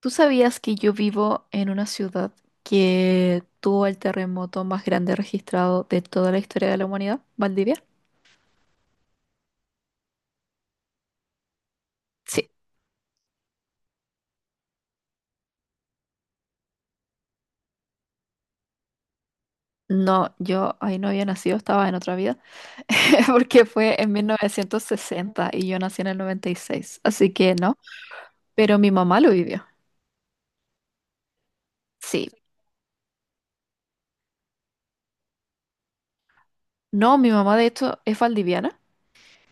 ¿Tú sabías que yo vivo en una ciudad que tuvo el terremoto más grande registrado de toda la historia de la humanidad? ¿Valdivia? Sí. No, yo ahí no había nacido, estaba en otra vida, porque fue en 1960 y yo nací en el 96, así que no, pero mi mamá lo vivió. Sí. No, mi mamá de hecho es valdiviana,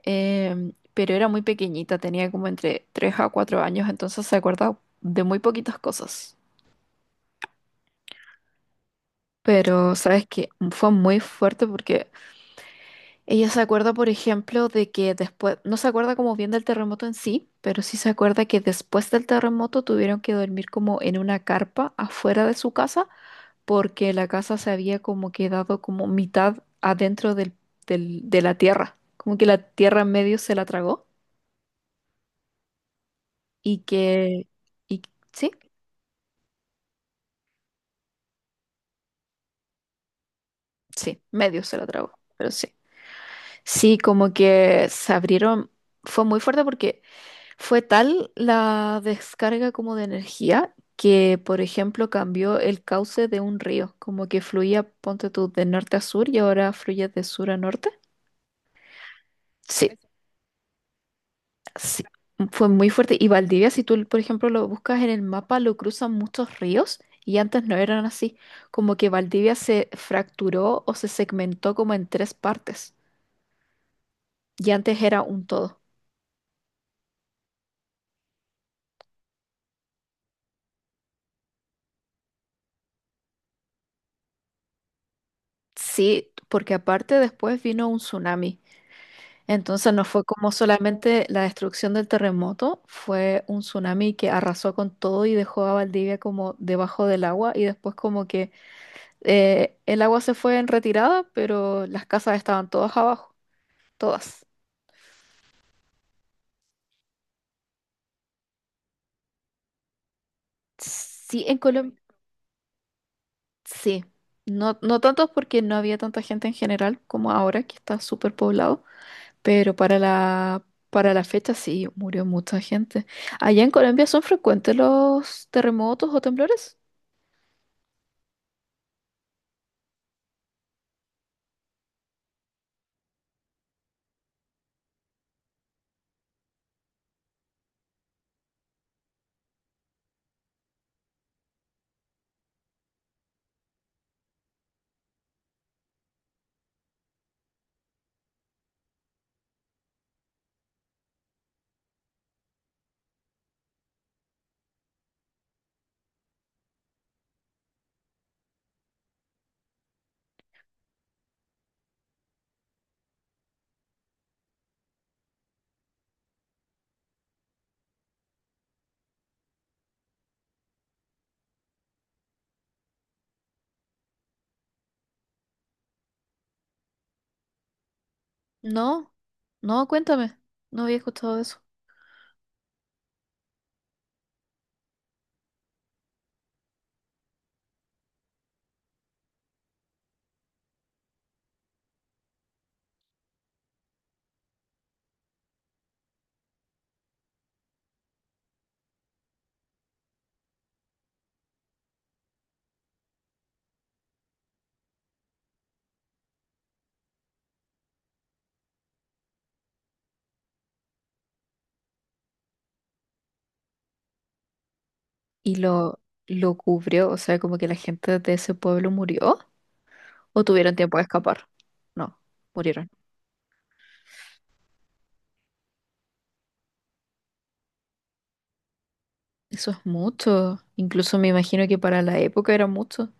pero era muy pequeñita, tenía como entre 3 a 4 años, entonces se acuerda de muy poquitas cosas. Pero sabes que fue muy fuerte porque ella se acuerda, por ejemplo, de que después, no se acuerda como bien del terremoto en sí, pero sí se acuerda que después del terremoto tuvieron que dormir como en una carpa afuera de su casa, porque la casa se había como quedado como mitad adentro de la tierra, como que la tierra en medio se la tragó y que, y, sí, sí, medio se la tragó, pero sí. Sí, como que se abrieron, fue muy fuerte porque... Fue tal la descarga como de energía que, por ejemplo, cambió el cauce de un río, como que fluía, ponte tú, de norte a sur y ahora fluye de sur a norte. Sí, sí, fue muy fuerte. Y Valdivia, si tú, por ejemplo, lo buscas en el mapa, lo cruzan muchos ríos y antes no eran así, como que Valdivia se fracturó o se segmentó como en tres partes y antes era un todo. Sí, porque aparte después vino un tsunami. Entonces no fue como solamente la destrucción del terremoto, fue un tsunami que arrasó con todo y dejó a Valdivia como debajo del agua y después como que el agua se fue en retirada, pero las casas estaban todas abajo, todas. Sí, en Colombia, sí. No, no tanto porque no había tanta gente en general como ahora, que está súper poblado, pero para la fecha sí, murió mucha gente. ¿Allá en Colombia son frecuentes los terremotos o temblores? No, no, cuéntame. No había escuchado de eso. ¿Y lo cubrió? O sea, como que la gente de ese pueblo murió o tuvieron tiempo de escapar. No, murieron. Eso es mucho. Incluso me imagino que para la época era mucho.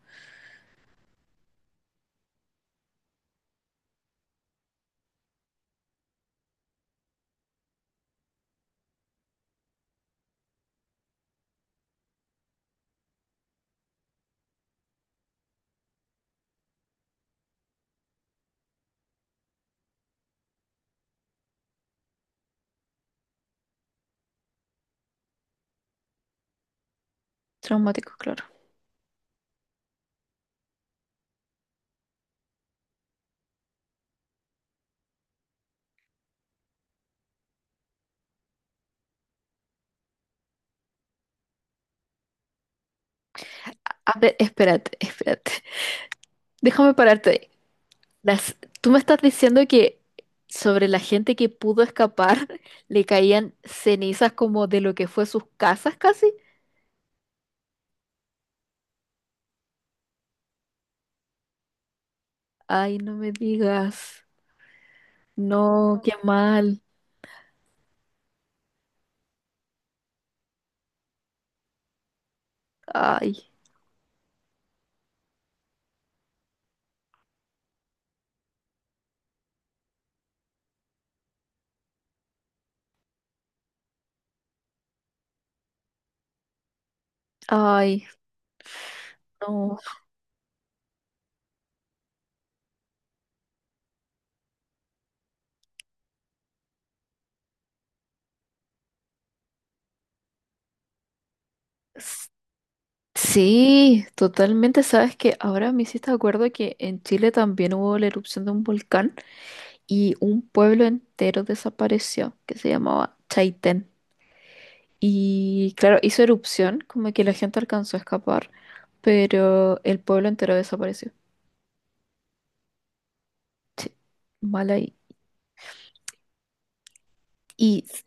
Traumático, claro. A ver, espérate, espérate. Déjame pararte ahí. Las, tú me estás diciendo que sobre la gente que pudo escapar le caían cenizas como de lo que fue sus casas casi. Ay, no me digas. No, qué mal. Ay, ay, no. S- Sí, totalmente. Sabes que ahora me hiciste acuerdo que en Chile también hubo la erupción de un volcán y un pueblo entero desapareció que se llamaba Chaitén. Y claro, hizo erupción, como que la gente alcanzó a escapar, pero el pueblo entero desapareció. Mal ahí. Y s-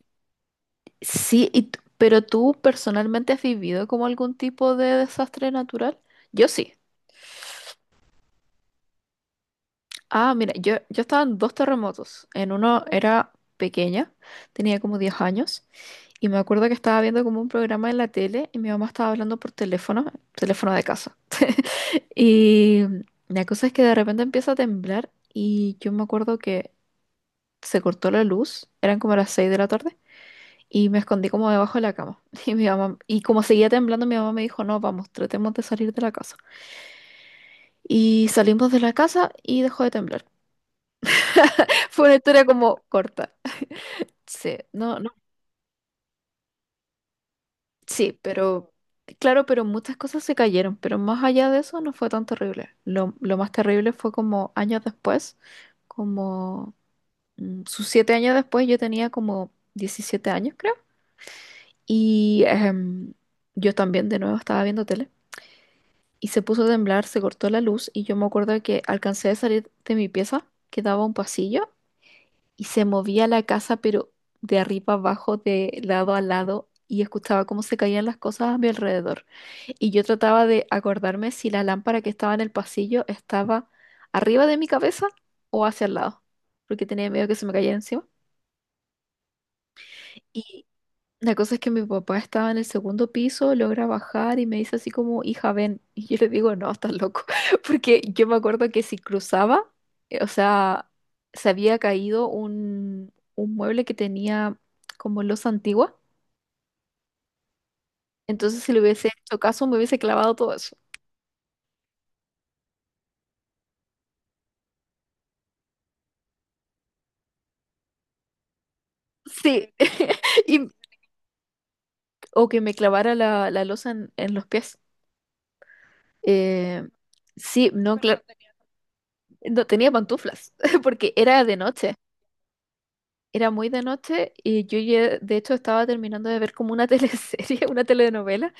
sí, pero ¿tú personalmente has vivido como algún tipo de desastre natural? Yo sí. Ah, mira, yo estaba en dos terremotos. En uno era pequeña, tenía como 10 años, y me acuerdo que estaba viendo como un programa en la tele y mi mamá estaba hablando por teléfono, teléfono de casa. Y la cosa es que de repente empieza a temblar y yo me acuerdo que se cortó la luz, eran como las 6 de la tarde, y me escondí como debajo de la cama. Y mi mamá, y como seguía temblando, mi mamá me dijo, no, vamos, tratemos de salir de la casa. Y salimos de la casa y dejó de temblar. Fue una historia como corta. Sí, no, no, sí, pero claro, pero muchas cosas se cayeron, pero más allá de eso no fue tan terrible. Lo más terrible fue como años después, como sus 7 años después, yo tenía como 17 años, creo, y yo también de nuevo estaba viendo tele y se puso a temblar, se cortó la luz y yo me acuerdo que alcancé a salir de mi pieza, que daba a un pasillo y se movía la casa, pero de arriba abajo, de lado a lado, y escuchaba cómo se caían las cosas a mi alrededor. Y yo trataba de acordarme si la lámpara que estaba en el pasillo estaba arriba de mi cabeza o hacia el lado, porque tenía miedo que se me cayera encima. Y la cosa es que mi papá estaba en el segundo piso, logra bajar y me dice así como, hija, ven. Y yo le digo, no, estás loco. Porque yo me acuerdo que si cruzaba, o sea, se había caído un mueble que tenía como losa antigua. Entonces, si le hubiese hecho caso, me hubiese clavado todo eso. Sí. Y- o que me clavara la losa en los pies. Eh, sí, no, claro, no tenía pantuflas, porque era de noche. Era muy de noche y yo de hecho estaba terminando de ver como una teleserie, una telenovela,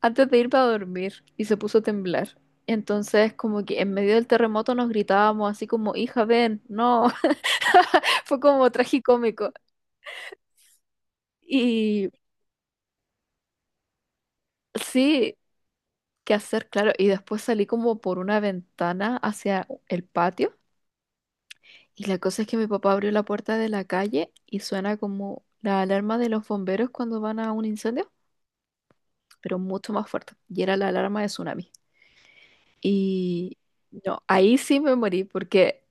antes de irme a dormir y se puso a temblar. Entonces como que en medio del terremoto nos gritábamos así como, hija, ven, no, fue como tragicómico. Y sí, qué hacer, claro. Y después salí como por una ventana hacia el patio y la cosa es que mi papá abrió la puerta de la calle y suena como la alarma de los bomberos cuando van a un incendio, pero mucho más fuerte. Y era la alarma de tsunami. Y no, ahí sí me morí porque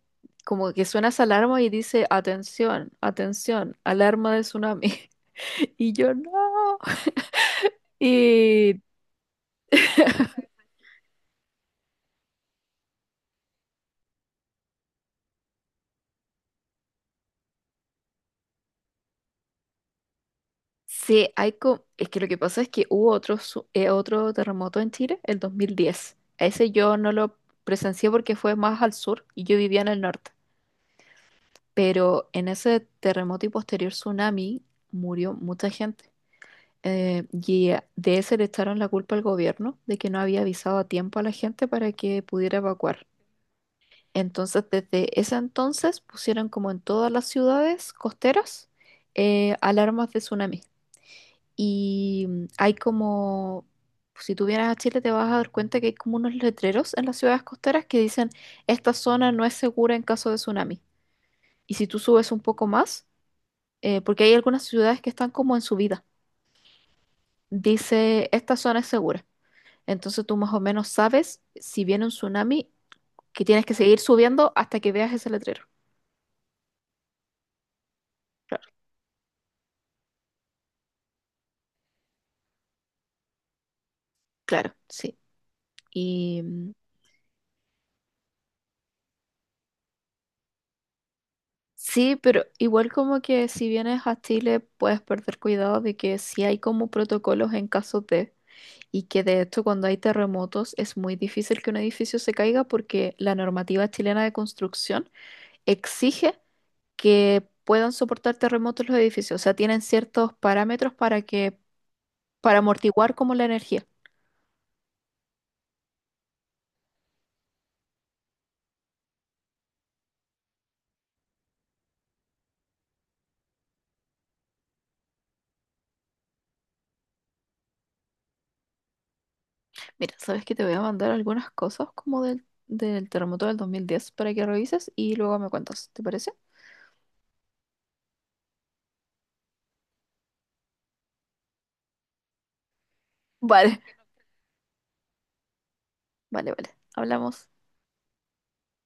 como que suena esa alarma y dice, atención, atención, alarma de tsunami. Y yo no. Y sí, hay es que lo que pasa es que hubo otro, otro terremoto en Chile, el 2010. Ese yo no lo presencié porque fue más al sur y yo vivía en el norte. Pero en ese terremoto y posterior tsunami murió mucha gente. Y de ese le echaron la culpa al gobierno de que no había avisado a tiempo a la gente para que pudiera evacuar. Entonces, desde ese entonces pusieron como en todas las ciudades costeras alarmas de tsunami. Y hay como, si tú vienes a Chile te vas a dar cuenta que hay como unos letreros en las ciudades costeras que dicen, esta zona no es segura en caso de tsunami. Y si tú subes un poco más, porque hay algunas ciudades que están como en subida, dice, esta zona es segura. Entonces tú más o menos sabes si viene un tsunami que tienes que seguir subiendo hasta que veas ese letrero. Claro, claro, sí. Y sí, pero igual como que si vienes a Chile puedes perder cuidado de que sí hay como protocolos en caso de, y que de hecho cuando hay terremotos es muy difícil que un edificio se caiga porque la normativa chilena de construcción exige que puedan soportar terremotos los edificios. O sea, tienen ciertos parámetros para que, para amortiguar como la energía. Mira, sabes que te voy a mandar algunas cosas como del terremoto del 2010 para que revises y luego me cuentas, ¿te parece? Vale, vale, vale. Hablamos.